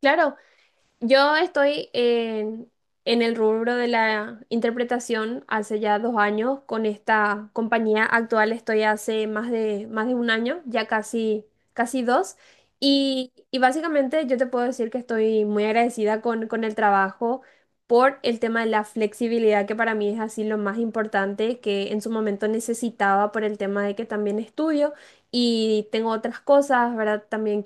Claro, yo estoy en el rubro de la interpretación hace ya dos años. Con esta compañía actual estoy hace más de un año, ya casi dos. Y básicamente yo te puedo decir que estoy muy agradecida con el trabajo por el tema de la flexibilidad, que para mí es así lo más importante que en su momento necesitaba por el tema de que también estudio y tengo otras cosas, ¿verdad? También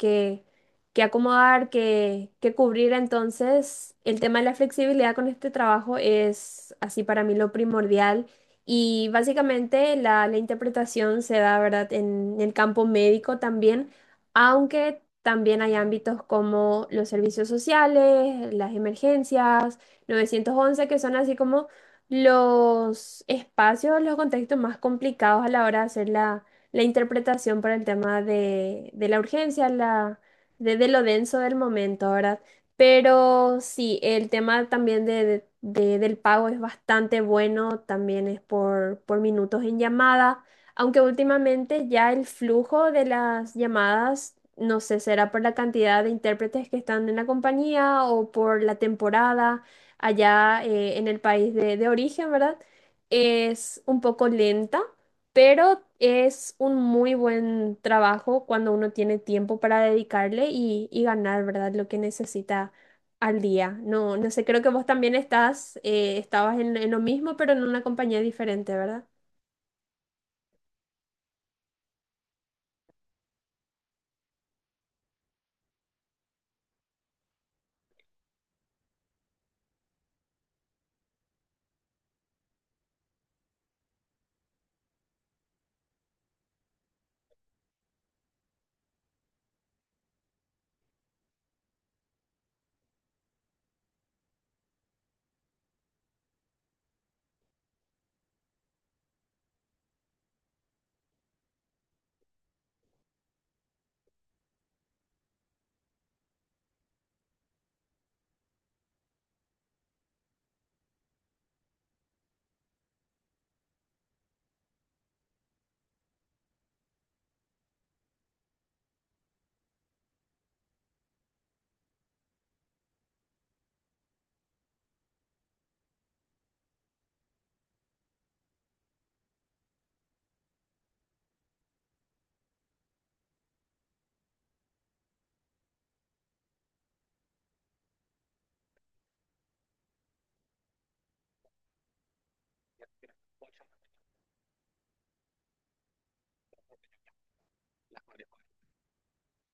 que acomodar, que cubrir. Entonces, el tema de la flexibilidad con este trabajo es así para mí lo primordial. Y básicamente la interpretación se da, ¿verdad?, en el campo médico también, aunque también hay ámbitos como los servicios sociales, las emergencias, 911, que son así como los espacios, los contextos más complicados a la hora de hacer la interpretación para el tema de la urgencia, la, de lo denso del momento, ¿verdad? Pero sí, el tema también del pago es bastante bueno, también es por minutos en llamada, aunque últimamente ya el flujo de las llamadas, no sé, será por la cantidad de intérpretes que están en la compañía o por la temporada allá, en el país de origen, ¿verdad? Es un poco lenta, pero es un muy buen trabajo cuando uno tiene tiempo para dedicarle y ganar, ¿verdad? Lo que necesita al día. No, no sé, creo que vos también estabas en lo mismo, pero en una compañía diferente, ¿verdad?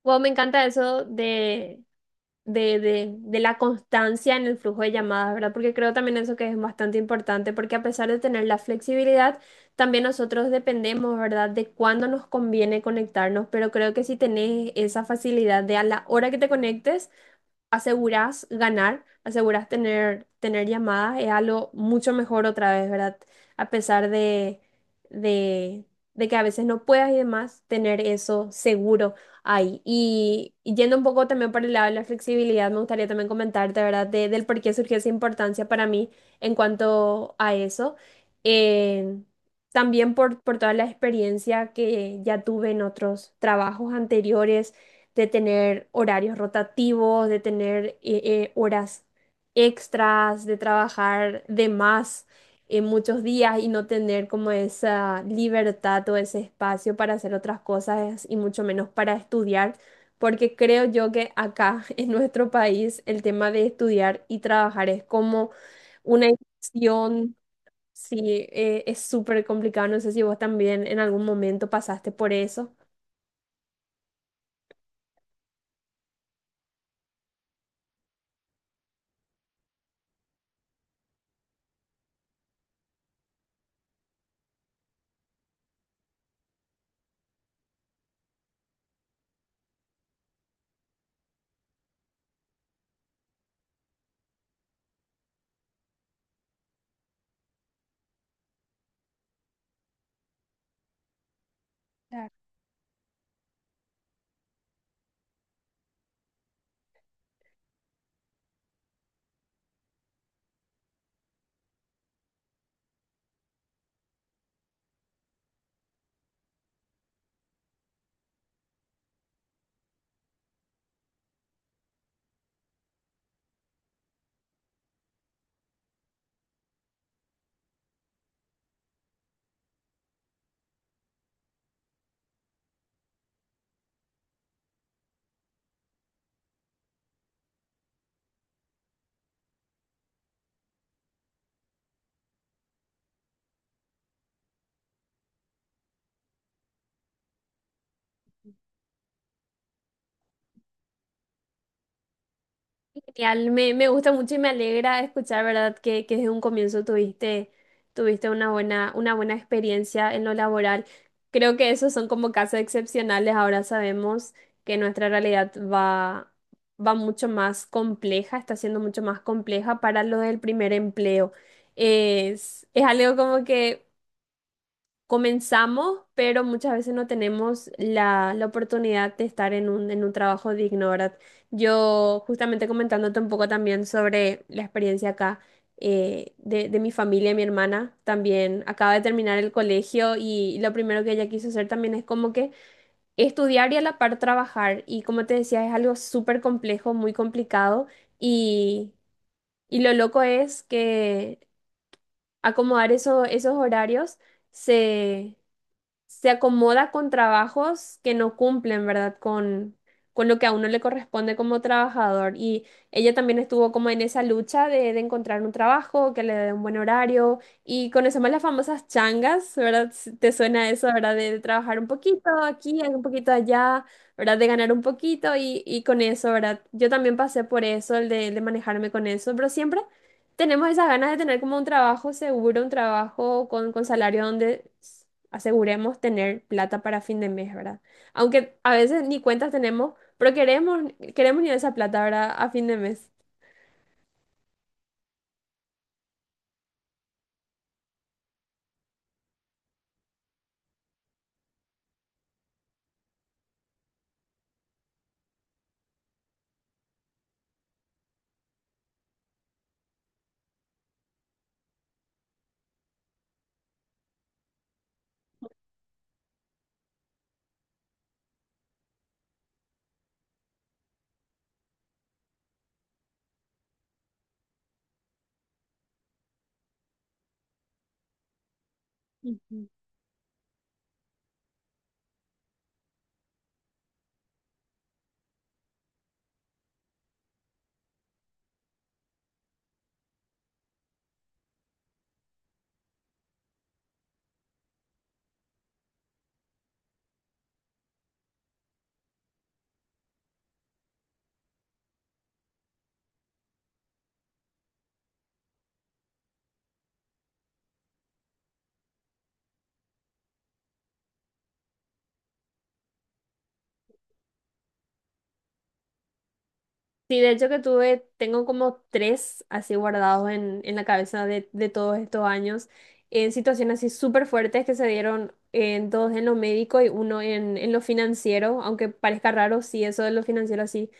Wow, me encanta eso de la constancia en el flujo de llamadas, ¿verdad? Porque creo también eso que es bastante importante, porque a pesar de tener la flexibilidad, también nosotros dependemos, ¿verdad?, de cuándo nos conviene conectarnos, pero creo que si tenés esa facilidad de a la hora que te conectes, aseguras ganar, aseguras tener llamadas, es algo mucho mejor otra vez, ¿verdad? A pesar de, de que a veces no puedas y demás, tener eso seguro ahí. Y yendo un poco también por el lado de la flexibilidad, me gustaría también comentarte, ¿verdad? Del por qué surgió esa importancia para mí en cuanto a eso. Eh, También por toda la experiencia que ya tuve en otros trabajos anteriores de tener horarios rotativos, de tener horas extras, de trabajar de más en muchos días y no tener como esa libertad o ese espacio para hacer otras cosas y mucho menos para estudiar, porque creo yo que acá en nuestro país el tema de estudiar y trabajar es como una inversión. Sí, es súper complicado. No sé si vos también en algún momento pasaste por eso. Genial, me gusta mucho y me alegra escuchar, ¿verdad? Que desde un comienzo tuviste una buena experiencia en lo laboral. Creo que esos son como casos excepcionales. Ahora sabemos que nuestra realidad va mucho más compleja, está siendo mucho más compleja para lo del primer empleo. Es algo como que comenzamos, pero muchas veces no tenemos la oportunidad de estar en un trabajo digno, ¿verdad? Yo justamente comentándote un poco también sobre la experiencia acá, de mi familia, mi hermana también acaba de terminar el colegio y lo primero que ella quiso hacer también es como que estudiar y a la par trabajar. Y como te decía, es algo súper complejo, muy complicado, y, y lo loco es que acomodar esos horarios se se acomoda con trabajos que no cumplen, ¿verdad? Con lo que a uno le corresponde como trabajador. Y ella también estuvo como en esa lucha de encontrar un trabajo que le dé un buen horario. Y conocemos las famosas changas, ¿verdad? Si, ¿te suena eso, verdad? De trabajar un poquito aquí, un poquito allá, ¿verdad? De ganar un poquito y con eso, ¿verdad? Yo también pasé por eso, el de manejarme con eso, pero siempre tenemos esas ganas de tener como un trabajo seguro, un trabajo con salario donde aseguremos tener plata para fin de mes, ¿verdad? Aunque a veces ni cuentas tenemos, pero queremos ni esa plata, ¿verdad? A fin de mes. Ujú. Sí, de hecho que tengo como tres así guardados en la cabeza de todos estos años, en situaciones así súper fuertes que se dieron en dos en lo médico y uno en lo financiero, aunque parezca raro, sí, eso de lo financiero así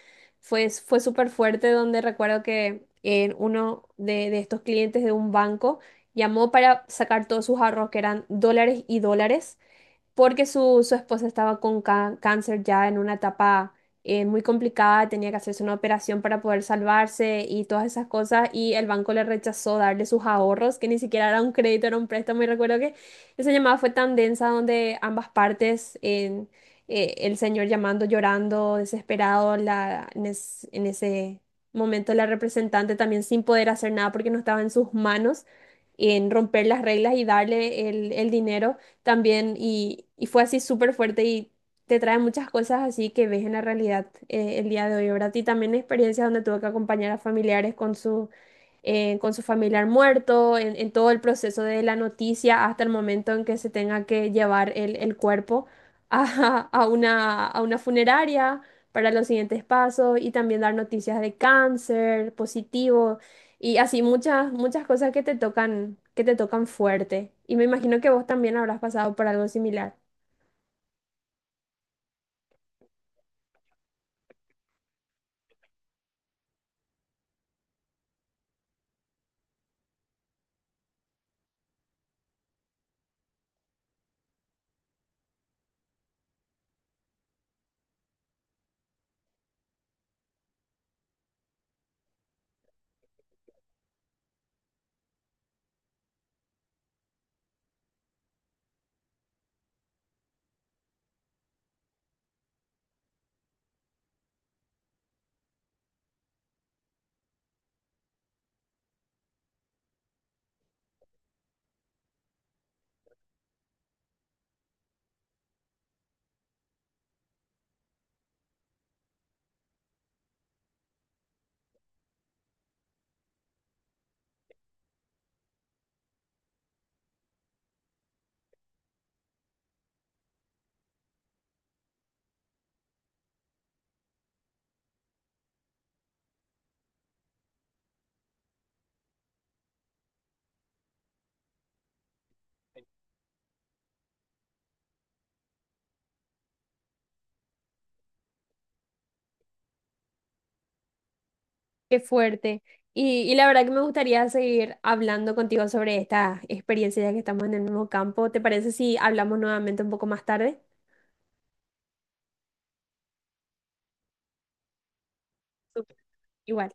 fue súper fuerte, donde recuerdo que uno de estos clientes de un banco llamó para sacar todos sus ahorros, que eran dólares y dólares porque su esposa estaba con cáncer ya en una etapa muy complicada, tenía que hacerse una operación para poder salvarse y todas esas cosas, y el banco le rechazó darle sus ahorros, que ni siquiera era un crédito, era un préstamo, y recuerdo que esa llamada fue tan densa donde ambas partes, el señor llamando, llorando, desesperado, en ese momento la representante también sin poder hacer nada porque no estaba en sus manos en romper las reglas y darle el dinero también, y fue así súper fuerte y te trae muchas cosas así que ves en la realidad, el día de hoy, ¿verdad? Y también experiencias donde tuve que acompañar a familiares con su familiar muerto, en todo el proceso de la noticia hasta el momento en que se tenga que llevar el cuerpo a una funeraria para los siguientes pasos y también dar noticias de cáncer positivo. Y así muchas cosas que te tocan fuerte. Y me imagino que vos también habrás pasado por algo similar. Qué fuerte. Y la verdad que me gustaría seguir hablando contigo sobre esta experiencia ya que estamos en el mismo campo. ¿Te parece si hablamos nuevamente un poco más tarde? Súper. Igual.